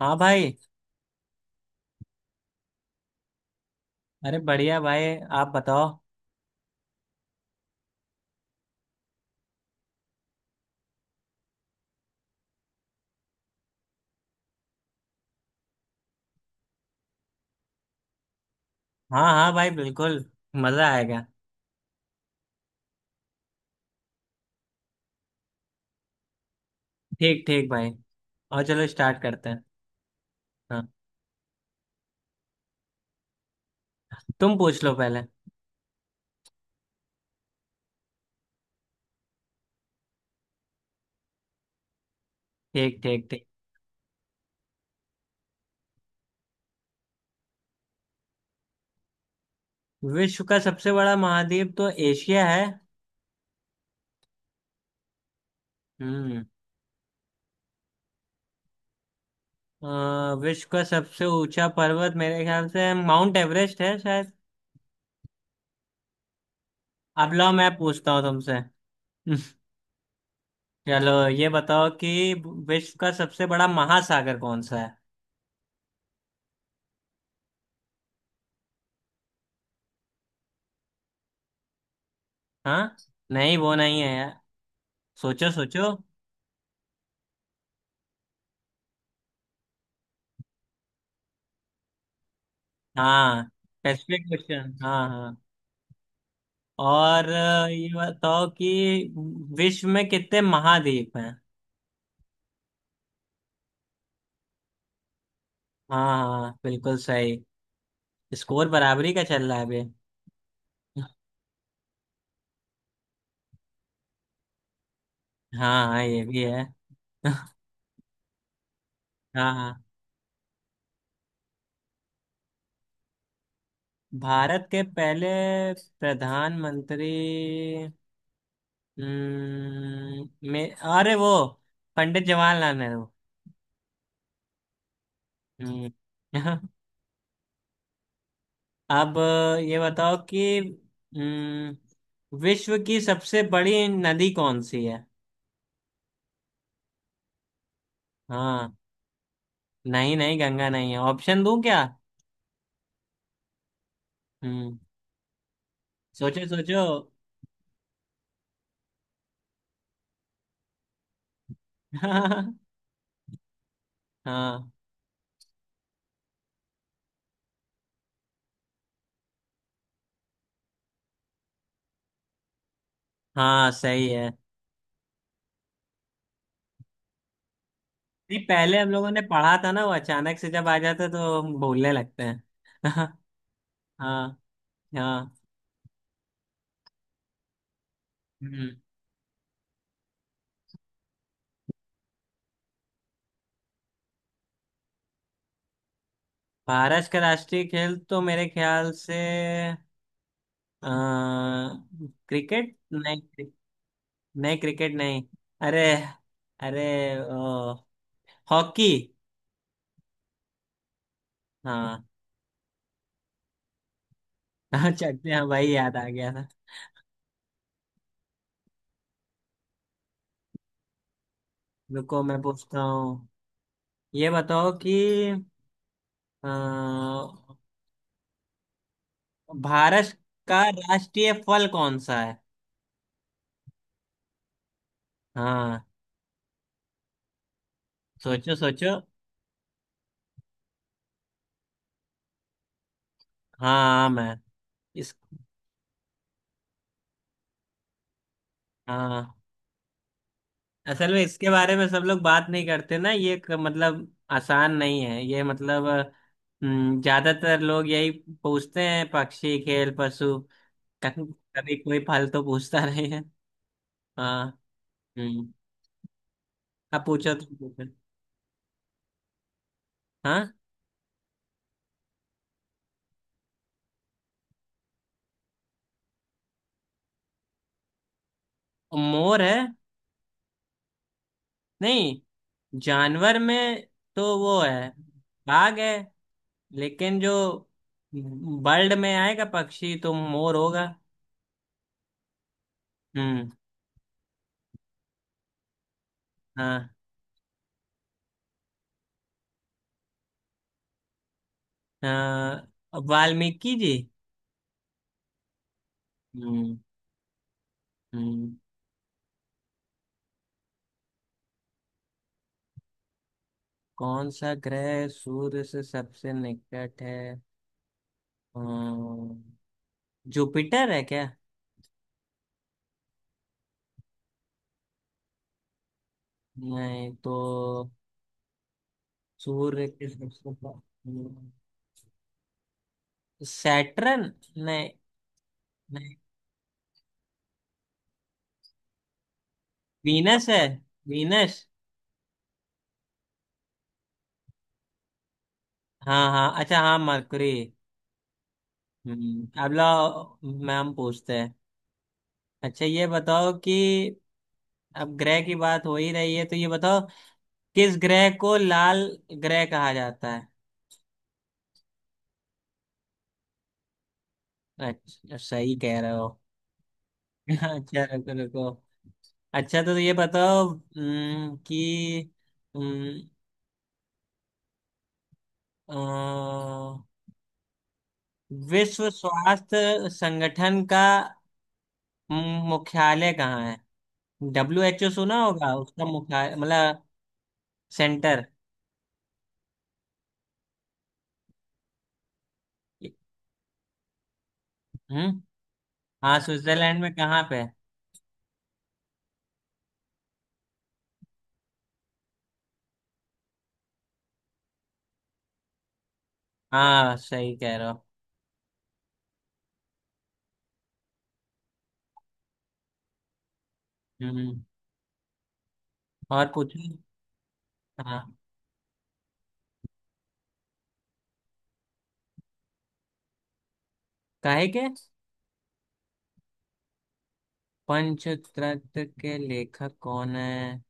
हाँ भाई। अरे बढ़िया भाई। आप बताओ। हाँ हाँ भाई, बिल्कुल। मजा आएगा। ठीक ठीक भाई। और चलो स्टार्ट करते हैं। हाँ। तुम पूछ लो पहले। ठीक ठीक ठीक। विश्व का सबसे बड़ा महाद्वीप तो एशिया है। हम्म। विश्व का सबसे ऊंचा पर्वत मेरे ख्याल से माउंट एवरेस्ट है शायद। अब लाओ मैं पूछता हूँ तुमसे। चलो ये बताओ कि विश्व का सबसे बड़ा महासागर कौन सा है। हाँ। नहीं वो नहीं है यार। सोचो सोचो। हाँ स्पेसिफिक क्वेश्चन, हाँ हाँ। और ये बताओ कि विश्व में कितने महाद्वीप हैं। हाँ हाँ, बिल्कुल सही। स्कोर बराबरी का चल रहा है अभी। हाँ हाँ, ये भी है। हाँ हाँ। भारत के पहले प्रधानमंत्री मे अरे वो पंडित जवाहरलाल नेहरू। हम्म। अब ये बताओ कि हम्म, विश्व की सबसे बड़ी नदी कौन सी है। हाँ। नहीं नहीं गंगा नहीं है, ऑप्शन दूं क्या? हम्म। सोचो सोचो। हाँ हाँ सही है। नहीं, पहले हम लोगों ने पढ़ा था ना, वो अचानक से जब आ जाता तो हम भूलने लगते हैं। हाँ हाँ। हम्म। भारत का राष्ट्रीय खेल तो मेरे ख्याल से अ, क्रिकेट नहीं नहीं, क्रिकेट नहीं। अरे अरे ओ, हॉकी। हाँ। चलते हैं भाई, याद आ गया था। रुको मैं पूछता हूँ। ये बताओ कि अ, भारत का राष्ट्रीय फल कौन सा है। हाँ। सोचो सोचो। हाँ आम है इस। हाँ, असल में इसके बारे में सब लोग बात नहीं करते ना, ये मतलब आसान नहीं है ये मतलब। ज्यादातर लोग यही पूछते हैं, पक्षी खेल पशु। कभी कभी कोई फल तो पूछता नहीं है। हाँ। हम्म। अब पूछो, तुम पूछो। हाँ। मोर है। नहीं, जानवर में तो वो है, बाघ है। लेकिन जो बर्ड में आएगा, पक्षी तो मोर होगा। हम्म। हाँ हाँ, वाल्मीकि जी। हम्म। हम्म। कौन सा ग्रह सूर्य से सबसे निकट है। हम्म, जुपिटर है क्या? नहीं तो। सूर्य के सबसे हम्म, सैटर्न। नहीं। नहीं वीनस है, वीनस। हाँ हाँ, अच्छा, हाँ मरकरी। हम्म। अब लो मैम पूछते हैं। अच्छा ये बताओ कि अब ग्रह की बात हो ही रही है, तो ये बताओ किस ग्रह को लाल ग्रह कहा जाता है। अच्छा सही कह रहे हो। अच्छा रुको रुको। अच्छा तो ये बताओ कि हम्म, अ, विश्व स्वास्थ्य संगठन का मुख्यालय कहाँ है। WHO सुना होगा, उसका मुख्यालय मतलब सेंटर। हम्म। हाँ, स्विट्जरलैंड में कहाँ पे? हाँ सही कह रहे हो। हम्म। और पूछो। हाँ। काहे के? पंचतंत्र के लेखक कौन है?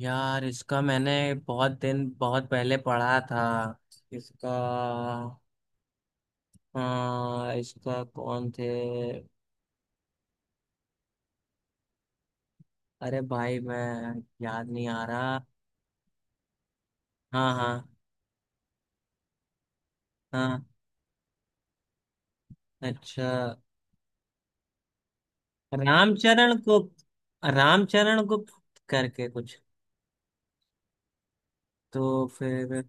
यार इसका मैंने बहुत दिन, बहुत पहले पढ़ा था इसका। हाँ, इसका कौन थे? अरे भाई मैं याद नहीं आ रहा। हाँ हाँ हाँ। अच्छा रामचरण गुप्त, रामचरण गुप्त करके कुछ। तो फिर?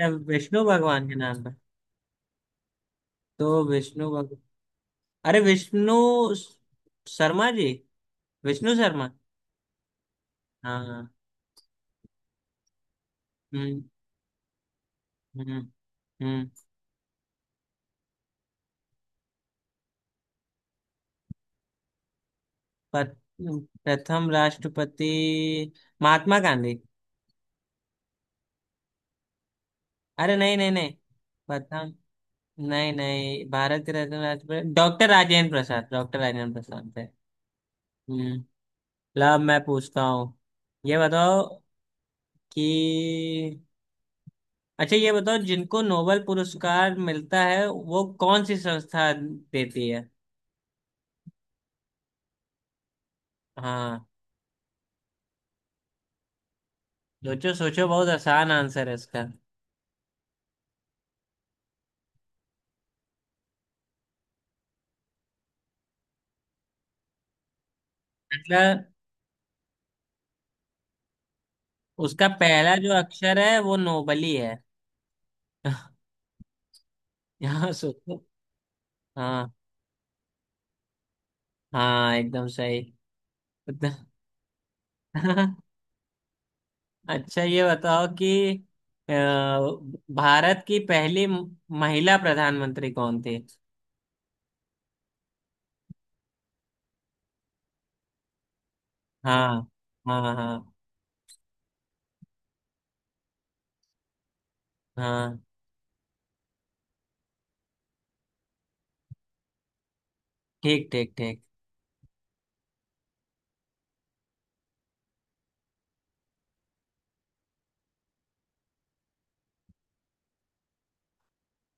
अच्छा, विष्णु भगवान के नाम पर। तो विष्णु भगवान। अरे विष्णु स- शर्मा जी, विष्णु शर्मा। हाँ हाँ। हम्म। हम्म। हम्म। प- प्रथम राष्ट्रपति महात्मा गांधी। अरे नहीं नहीं नहीं। प्रथम। नहीं नहीं, भारत के रत्न राष्ट्रपति डॉक्टर राजेंद्र प्रसाद, डॉक्टर राजेंद्र प्रसाद थे। हम्म। ला मैं पूछता हूँ। ये बताओ कि, अच्छा ये बताओ, जिनको नोबेल पुरस्कार मिलता है वो कौन सी संस्था देती है। हाँ सोचो सोचो, बहुत आसान आंसर है इसका। मतलब उसका पहला जो अक्षर है वो नोबल ही है। यहाँ सोचो। हाँ हाँ, एकदम सही। अच्छा ये बताओ कि अ, भारत की पहली महिला प्रधानमंत्री कौन थी। हाँ हाँ। हाँ हाँ। ठीक ठीक ठीक।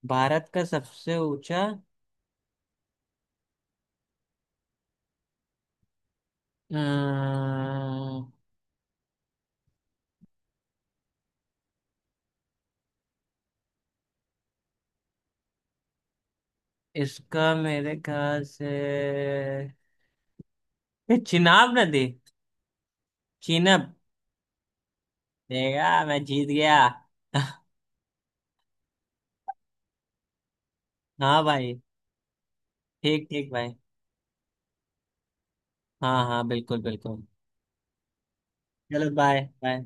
भारत का सबसे ऊंचा अम्म, इसका मेरे ख्याल से ये चिनाब नदी, चिनब। देगा मैं जीत गया। हाँ भाई। ठीक ठीक भाई। हाँ हाँ बिल्कुल बिल्कुल। चलो बाय बाय।